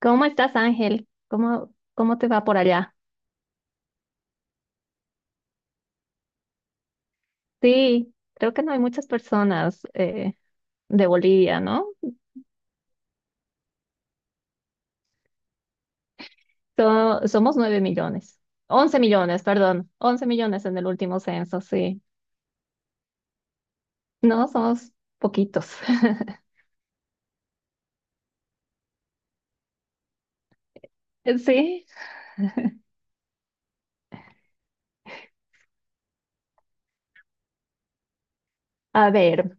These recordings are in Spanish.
¿Cómo estás, Ángel? ¿Cómo te va por allá? Sí, creo que no hay muchas personas de Bolivia, ¿no? Somos 9 millones, 11 millones, perdón, 11 millones en el último censo, sí. No, somos poquitos. Sí, a ver,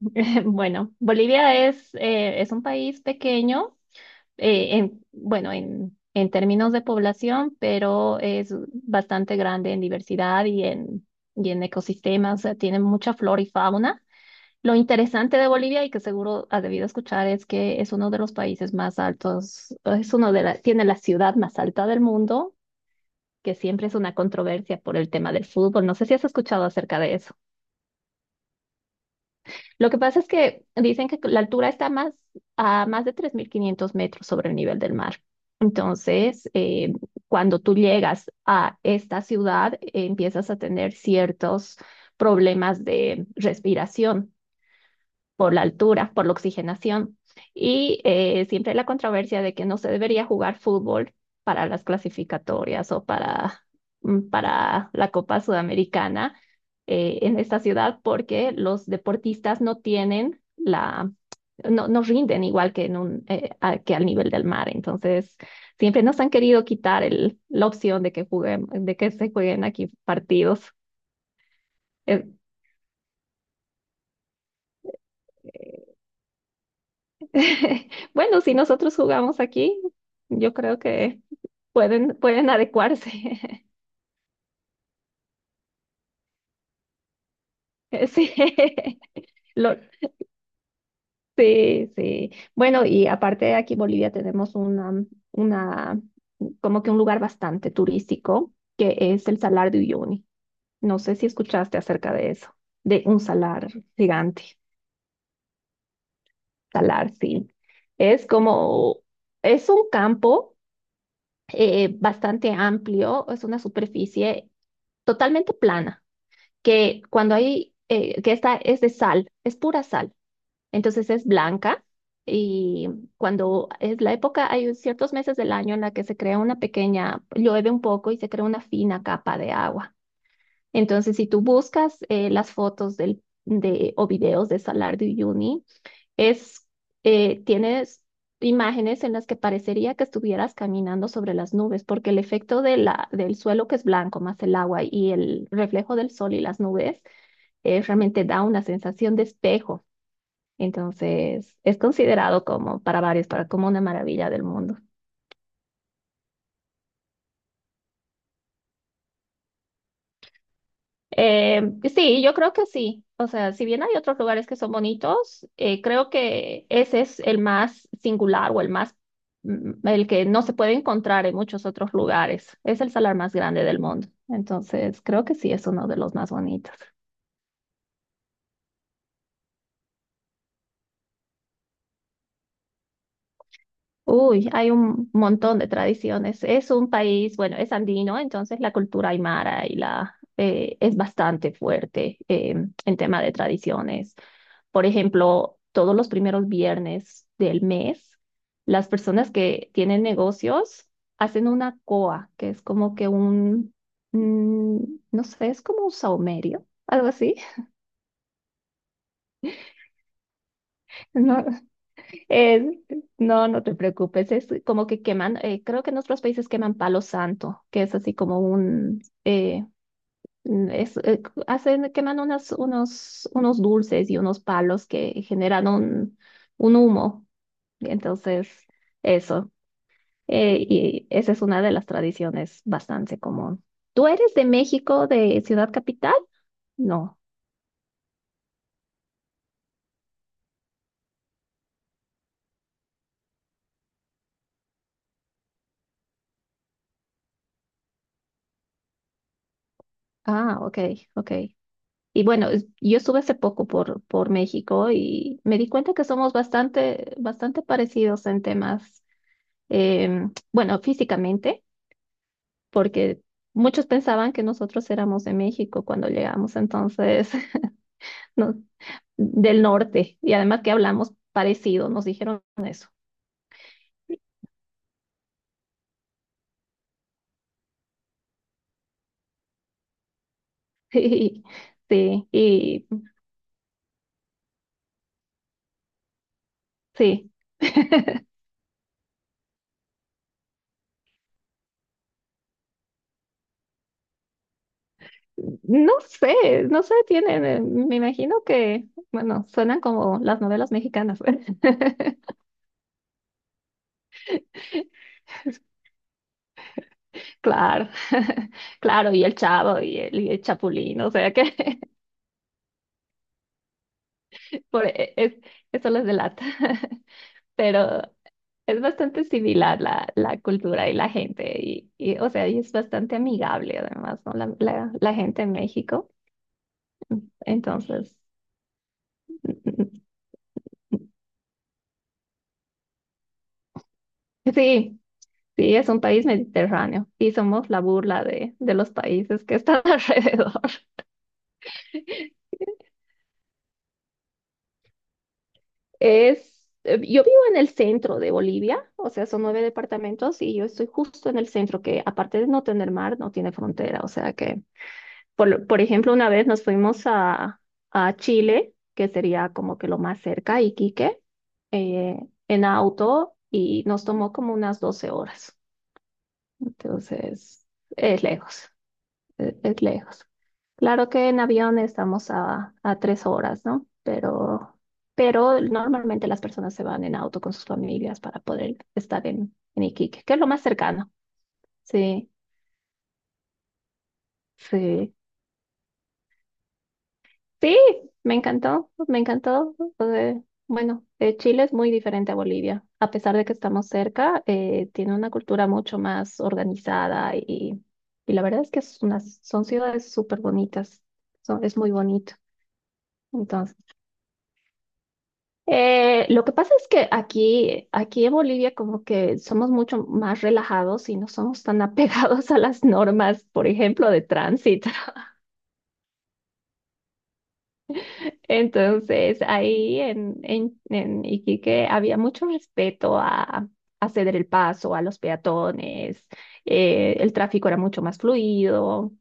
bueno, Bolivia es un país pequeño en, bueno, en términos de población, pero es bastante grande en diversidad y en ecosistemas, o sea, tiene mucha flora y fauna. Lo interesante de Bolivia y que seguro has debido escuchar es que es uno de los países más altos, es uno de la, tiene la ciudad más alta del mundo, que siempre es una controversia por el tema del fútbol. No sé si has escuchado acerca de eso. Lo que pasa es que dicen que la altura está a más de 3.500 metros sobre el nivel del mar. Entonces, cuando tú llegas a esta ciudad, empiezas a tener ciertos problemas de respiración por la altura, por la oxigenación. Y siempre la controversia de que no se debería jugar fútbol para las clasificatorias o para la Copa Sudamericana en esta ciudad porque los deportistas no tienen la, no rinden igual que, que al nivel del mar. Entonces, siempre nos han querido quitar el, la opción de que se jueguen aquí partidos. Eh, Bueno, si nosotros jugamos aquí, yo creo que pueden adecuarse. Sí. Lo- sí, sí. Bueno, y aparte aquí en Bolivia tenemos una, como que un lugar bastante turístico, que es el Salar de Uyuni. No sé si escuchaste acerca de eso, de un salar gigante. Salar, sí. Es como, es un campo bastante amplio, es una superficie totalmente plana que cuando hay, que esta es de sal, es pura sal, entonces es blanca y cuando es la época, hay ciertos meses del año en la que se crea una pequeña, llueve un poco y se crea una fina capa de agua. Entonces, si tú buscas las fotos del, de, o videos de Salar de Uyuni, es, tienes imágenes en las que parecería que estuvieras caminando sobre las nubes, porque el efecto de la, del suelo que es blanco más el agua y el reflejo del sol y las nubes realmente da una sensación de espejo. Entonces, es considerado como para varios, para como una maravilla del mundo. Eh, sí, yo creo que sí. O sea, si bien hay otros lugares que son bonitos, creo que ese es el más singular o el más, el que no se puede encontrar en muchos otros lugares. Es el salar más grande del mundo. Entonces, creo que sí es uno de los más bonitos. Uy, hay un montón de tradiciones. Es un país, bueno, es andino, entonces la cultura aymara y la es bastante fuerte en tema de tradiciones. Por ejemplo, todos los primeros viernes del mes, las personas que tienen negocios hacen una coa, que es como que un, mm, no sé, es como un saumerio, algo así. No, es- no, no te preocupes, es como que queman, creo que en otros países queman palo santo, que es así como un. Hacen, queman unos dulces y unos palos que generan un humo. Y entonces, eso. Y esa es una de las tradiciones bastante común. ¿Tú eres de México, de Ciudad Capital? No. Ah, ok, ok. Y bueno, yo estuve hace poco por México y me di cuenta que somos bastante, bastante parecidos en temas, bueno, físicamente, porque muchos pensaban que nosotros éramos de México cuando llegamos, entonces, no, del norte, y además que hablamos parecido, nos dijeron eso. Sí, sí, y sí. No sé, no sé, me imagino que, bueno, suenan como las novelas mexicanas. Claro, claro, y el Chavo y y el Chapulín, o sea que por, e- es, eso les delata. Pero es bastante similar la cultura y la gente, o sea, y es bastante amigable además, ¿no? La gente en México. Entonces, sí, sí, es un país mediterráneo y somos la burla de los países que están alrededor. Yo vivo en el centro de Bolivia, o sea, son nueve departamentos y yo estoy justo en el centro, que aparte de no tener mar, no tiene frontera. O sea que, por ejemplo, una vez nos fuimos a Chile, que sería como que lo más cerca, Iquique, eh, en auto y nos tomó como unas 12 horas. Entonces, es lejos, es lejos. Claro que en avión estamos a 3 horas, ¿no? Pero normalmente las personas se van en auto con sus familias para poder estar en Iquique, que es lo más cercano. Sí, sí, sí, me encantó, me encantó. Bueno, Chile es muy diferente a Bolivia. A pesar de que estamos cerca, tiene una cultura mucho más organizada y la verdad es que es unas, son ciudades súper bonitas. Es muy bonito. Entonces. Lo que pasa es que aquí en Bolivia como que somos mucho más relajados y no somos tan apegados a las normas, por ejemplo, de tránsito. Entonces, ahí en Iquique había mucho respeto a ceder el paso a los peatones, el tráfico era mucho más fluido.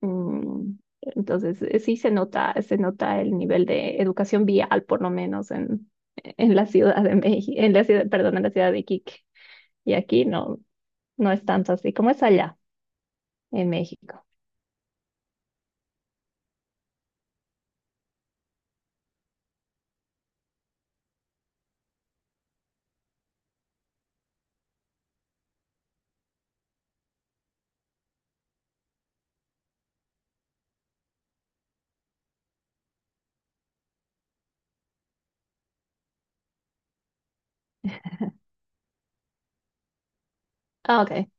mm, entonces, sí se nota el nivel de educación vial, por lo menos en la Ciudad de México, en la ciudad, perdón, en la ciudad de Iquique. Y aquí no, no es tanto así como es allá en México. Ah, ok.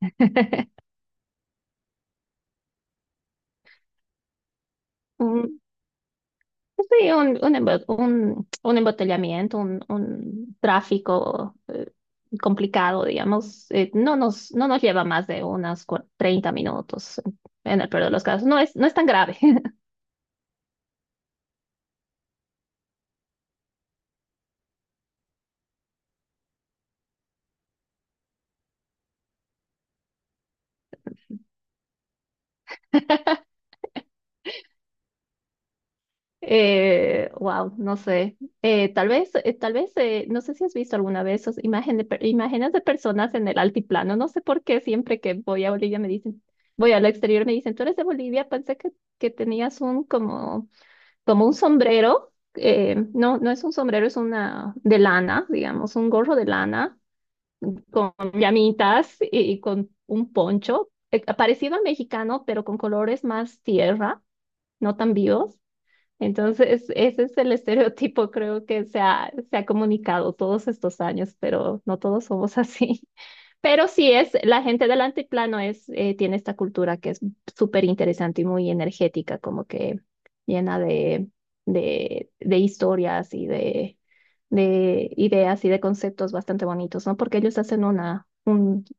Un- sí, un embotellamiento, un tráfico complicado, digamos, no nos lleva más de unas 30 minutos en el peor de los casos. No es tan grave. Wow, no sé. Tal vez, tal vez, no sé si has visto alguna vez esas imágenes imágenes de personas en el altiplano. No sé por qué siempre que voy a Bolivia me dicen, voy al exterior me dicen, tú eres de Bolivia, pensé que tenías un como, como un sombrero. No, no es un sombrero, es una de lana, digamos, un gorro de lana con llamitas y con un poncho, parecido al mexicano, pero con colores más tierra, no tan vivos. Entonces, ese es el estereotipo, creo que se ha comunicado todos estos años, pero no todos somos así. Pero sí es, la gente del antiplano tiene esta cultura que es súper interesante y muy energética, como que llena de historias y de ideas y de conceptos bastante bonitos, ¿no? Porque ellos hacen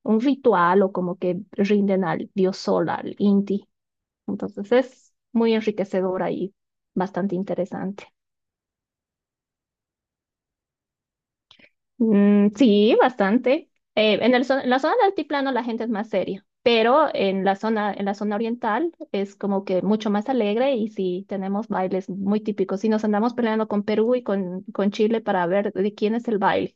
un ritual o como que rinden al dios Sol, al Inti. Entonces es muy enriquecedora y bastante interesante. Mm, sí, bastante. En la zona del altiplano la gente es más seria, pero en la zona oriental es como que mucho más alegre y sí tenemos bailes muy típicos. Y nos andamos peleando con Perú y con Chile para ver de quién es el baile.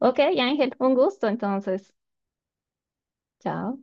Ok, Ángel, un gusto entonces. Chao.